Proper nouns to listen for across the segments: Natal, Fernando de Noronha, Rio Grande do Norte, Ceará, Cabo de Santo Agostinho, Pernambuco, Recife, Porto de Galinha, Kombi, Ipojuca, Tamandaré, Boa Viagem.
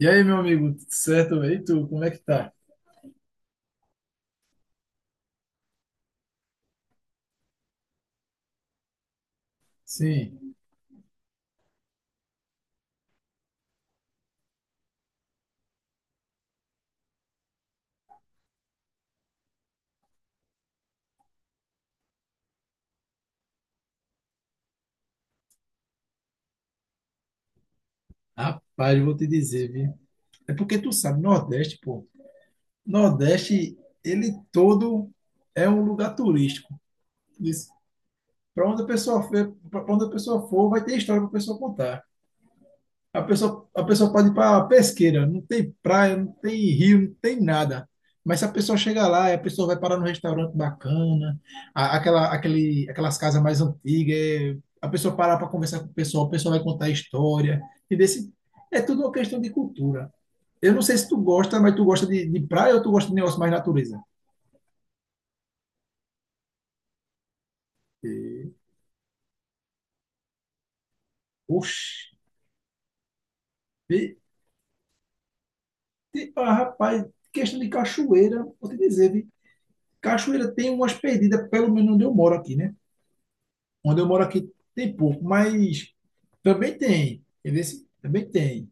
E aí, meu amigo, tudo certo? Velho? E tu, como é que tá? Sim, rapaz, eu vou te dizer, viu? É porque tu sabe, Nordeste, pô. Nordeste, ele todo é um lugar turístico. Para onde a pessoa for, para onde a pessoa for, vai ter história para a pessoa contar. A pessoa pode ir para Pesqueira, não tem praia, não tem rio, não tem nada. Mas se a pessoa chegar lá, a pessoa vai parar num restaurante bacana, aquelas casas mais antigas, a pessoa parar para conversar com o pessoal vai contar história. E desse, É tudo uma questão de cultura. Eu não sei se tu gosta, mas tu gosta de praia ou tu gosta de negócio mais natureza? E, Oxi, e- ah, rapaz, questão de cachoeira, vou te dizer, vi. Cachoeira tem umas perdidas, pelo menos onde eu moro aqui, né? Onde eu moro aqui tem pouco, mas também tem. Entendeu? Também tem.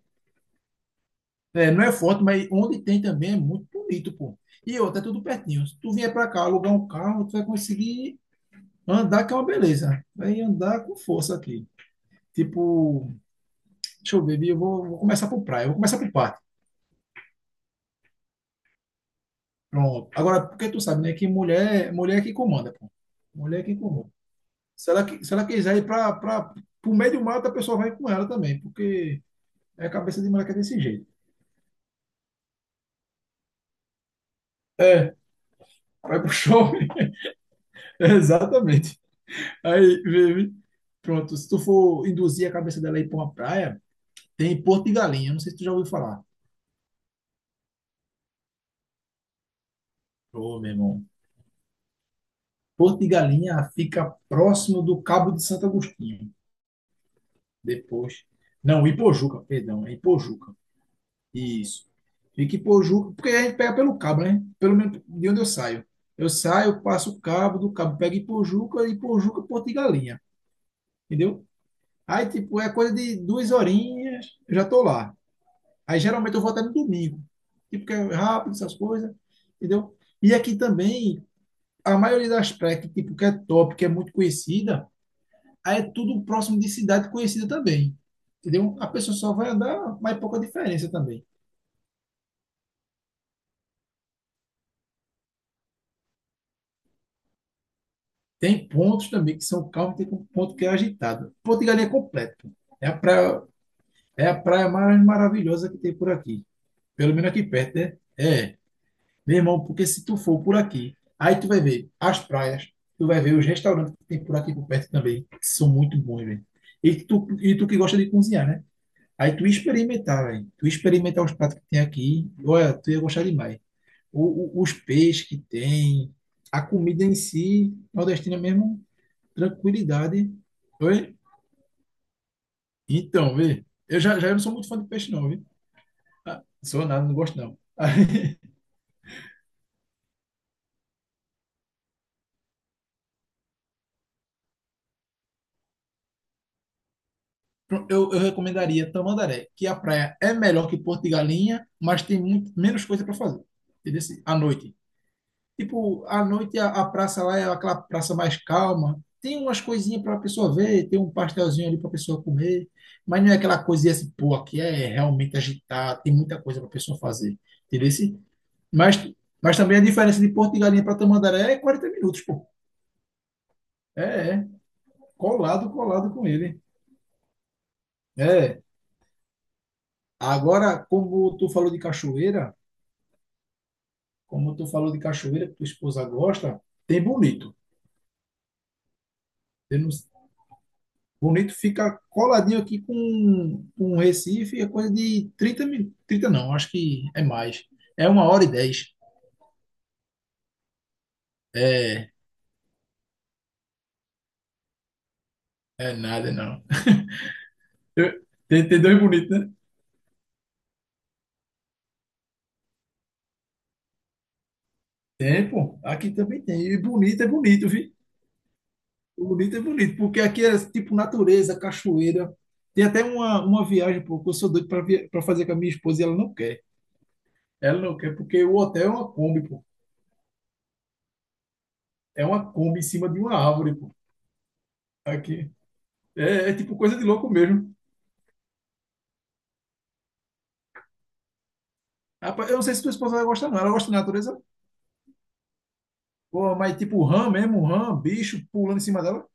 É, não é forte, mas onde tem também é muito bonito, pô. E outra, é tudo pertinho. Se tu vier pra cá alugar um carro, tu vai conseguir andar, que é uma beleza. Vai andar com força aqui. Tipo, deixa eu ver, Bia, eu vou começar por praia, eu vou começar por parque. Pronto. Agora, porque tu sabe, né, que mulher, mulher é que comanda, pô. Mulher é que comanda. Se ela quiser ir para pro meio do mato, a pessoa vai com ela também, porque é a cabeça de mulher que é desse jeito. É, vai pro show. Exatamente. Aí, baby. Pronto, se tu for induzir a cabeça dela aí pra uma praia, tem Porto de Galinha. Não sei se tu já ouviu falar. Ô, meu irmão. Porto de Galinha fica próximo do Cabo de Santo Agostinho. Depois. Não, Ipojuca, perdão, é Ipojuca. Isso. Fica em Ipojuca, porque a gente pega pelo cabo, né? Pelo menos de onde eu saio. Eu saio, passo o cabo, do cabo pego Ipojuca, Ipojuca, Porto de Galinha. Entendeu? Aí, tipo, é coisa de duas horinhas, eu já tô lá. Aí geralmente eu vou até no domingo, tipo, que é rápido, essas coisas, entendeu? E aqui também, a maioria das praias que, tipo, que é top, que é muito conhecida, aí é tudo próximo de cidade conhecida também, entendeu? A pessoa só vai andar, mas é pouca diferença também. Tem pontos também que são calmos, tem um ponto que é agitado. Porto de Galinha é completo. É a praia, é a praia mais maravilhosa que tem por aqui. Pelo menos aqui perto, né? É. Meu irmão, porque se tu for por aqui, aí tu vai ver as praias, tu vai ver os restaurantes que tem por aqui por perto também, que são muito bons, velho. E tu que gosta de cozinhar, né? Aí tu experimentar, velho. Tu experimentar os pratos que tem aqui, olha, tu ia gostar demais. Os peixes que tem, a comida em si, nordestina mesmo, tranquilidade. Oi? Então, vê. Eu já não sou muito fã de peixe, não, viu? Ah, sou nada, não gosto, não. Eu, eu recomendaria Tamandaré, que a praia é melhor que Porto de Galinha, mas tem muito menos coisa para fazer. Entendeu? Assim, à noite. Tipo, à noite a praça lá é aquela praça mais calma. Tem umas coisinhas para a pessoa ver, tem um pastelzinho ali para a pessoa comer, mas não é aquela coisinha assim, pô, aqui é realmente agitado, tem muita coisa para a pessoa fazer. Entendeu? Assim, Mas, mas também a diferença de Porto de Galinha para Tamandaré é 40 minutos, pô. É, é. Colado, colado com ele. É. Agora, como tu falou de cachoeira. Como tu falou de cachoeira, que tua esposa gosta, tem bonito. Tem no- Bonito fica coladinho aqui com Recife, é coisa de 30 minutos. Trinta não, acho que é mais. É 1h10. É, é nada, não. Tem dois bonitos, né? Tem, pô. Aqui também tem. E bonito é bonito, viu? Bonito é bonito, porque aqui é tipo natureza, cachoeira. Tem até uma viagem, pô, que eu sou doido para fazer com a minha esposa e ela não quer. Ela não quer, porque o hotel é uma Kombi, é uma Kombi em cima de uma árvore, pô. Aqui. É, é tipo coisa de louco mesmo. Rapaz, eu não sei se tua esposa vai gostar, não. Ela gosta de natureza? Pô, mas tipo rã mesmo, rã, bicho pulando em cima dela.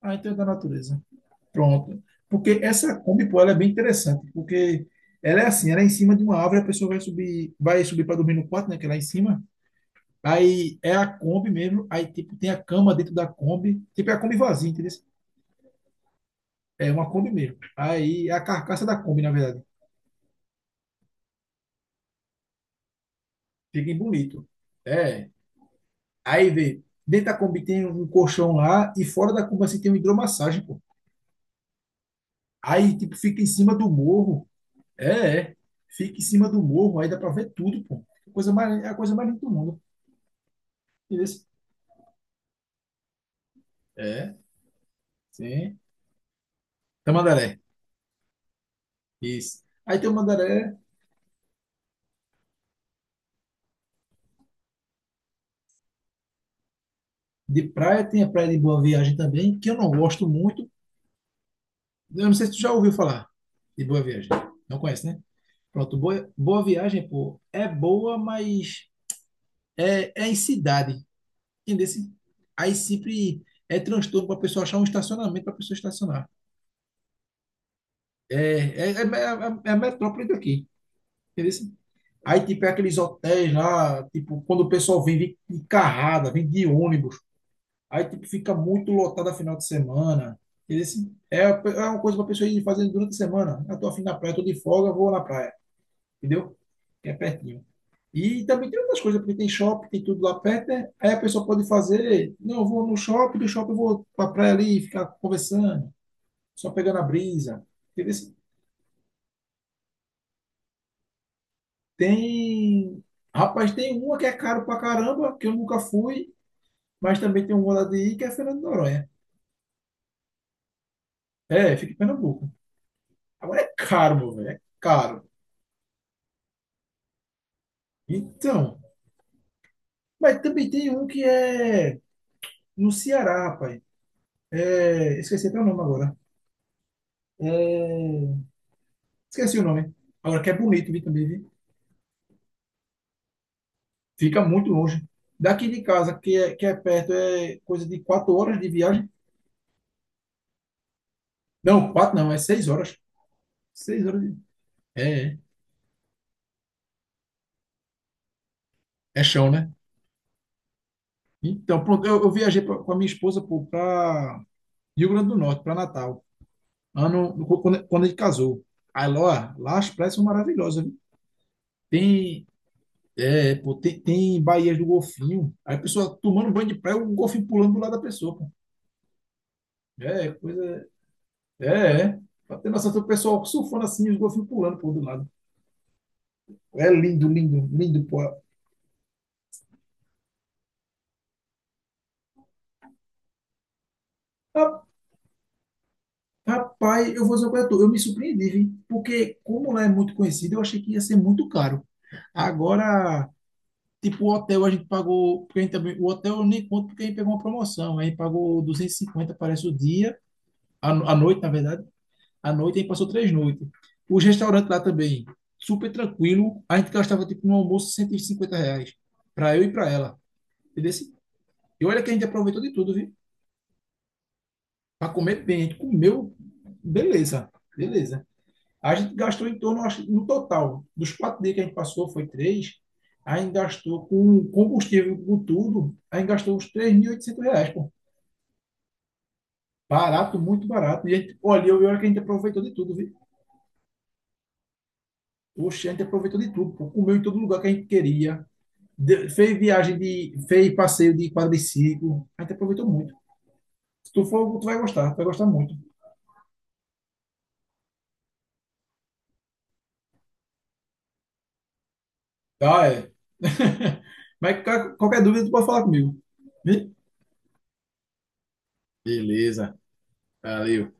Ah, então é da natureza. Pronto. Porque essa Kombi, pô, ela é bem interessante. Porque ela é assim, ela é em cima de uma árvore, a pessoa vai subir para dormir no quarto, né? Que é lá em cima. Aí é a Kombi mesmo. Aí, tipo, tem a cama dentro da Kombi. Tipo, é a Kombi vazia, entendeu? É uma Kombi mesmo. Aí é a carcaça da Kombi, na verdade. Fica em bonito. É, aí, vê, dentro da Kombi tem um colchão lá e fora da Kombi assim tem uma hidromassagem, pô. Aí, tipo, fica em cima do morro. É, é. Fica em cima do morro, aí dá pra ver tudo, pô. É a coisa mais linda do mundo. Entendeu? É, sim. Tamandaré. Isso. Aí tem o Mandaré. De praia, tem a praia de Boa Viagem também, que eu não gosto muito. Eu não sei se tu já ouviu falar de Boa Viagem. Não conhece, né? Pronto, Boa Viagem, pô, é boa, mas é em cidade. Entendeu? Aí sempre é transtorno para a pessoa achar um estacionamento para a pessoa estacionar. É, é a metrópole daqui. Entendeu? Aí, tipo, é aqueles hotéis lá, tipo, quando o pessoal vem de carrada, vem de ônibus, aí, tipo, fica muito lotado a final de semana. Entendeu? É uma coisa para a pessoa ir fazendo durante a semana. Eu tô afim da praia, tô de folga, vou na praia. Entendeu? Que é pertinho. E também tem outras coisas, porque tem shopping, tem tudo lá perto, né? Aí a pessoa pode fazer, não, eu vou no shopping, do shopping eu vou pra praia ali, ficar conversando, só pegando a brisa. Entendeu? Tem, rapaz, tem uma que é caro pra caramba, que eu nunca fui, mas também tem uma lá de ir, que é Fernando de Noronha. É, fica em Pernambuco. Agora é caro, meu velho, é caro. Então, mas também tem um que é no Ceará, rapaz. É, esqueci até o nome agora. É, esqueci o nome. Agora que é bonito, vi também, vi. Fica muito longe. Daqui de casa, que é perto, é coisa de 4 horas de viagem. Não, quatro não, é 6 horas. 6 horas de... É, é chão, né? Então, pronto, eu viajei com a minha esposa para Rio Grande do Norte, para Natal, ano, no- quando a gente casou. Aí lá as praias são maravilhosas, viu? Tem, é, pô, tem baías do golfinho. Aí a pessoa tomando banho de praia, o golfinho pulando do lado da pessoa, pô. É, coisa é, é. Pra ter noção, tem o pessoal surfando assim, os golfinhos pulando por do lado. É lindo, lindo, lindo, pô. Ra- Rapaz, eu vou dizer pra tu, eu me surpreendi, vi, porque como lá é muito conhecido, eu achei que ia ser muito caro. Agora, tipo, o hotel a gente pagou, porque a gente também, o hotel eu nem conto porque a gente pegou uma promoção, a gente pagou 250, parece o dia, a, no- a noite, na verdade, a noite a gente passou 3 noites. Os restaurantes lá também, super tranquilo, a gente gastava tipo no almoço R$ 150, pra eu e pra ela, entendeu? E olha que a gente aproveitou de tudo, viu? Para comer bem, a gente comeu, beleza, beleza. A gente gastou em torno, acho, no total, dos 4 dias que a gente passou, foi três, a gente gastou com combustível, com tudo, a gente gastou uns R$ 3.800, pô. Barato, muito barato. E a gente, olha, eu e olha que a gente aproveitou de tudo, viu? Poxa, a gente aproveitou de tudo, pô. Comeu em todo lugar que a gente queria. Fez passeio de quadriciclo. A gente aproveitou muito. Se tu for, tu vai gostar muito. Tá, é. Mas qualquer dúvida, tu pode falar comigo. Vi? Beleza. Valeu.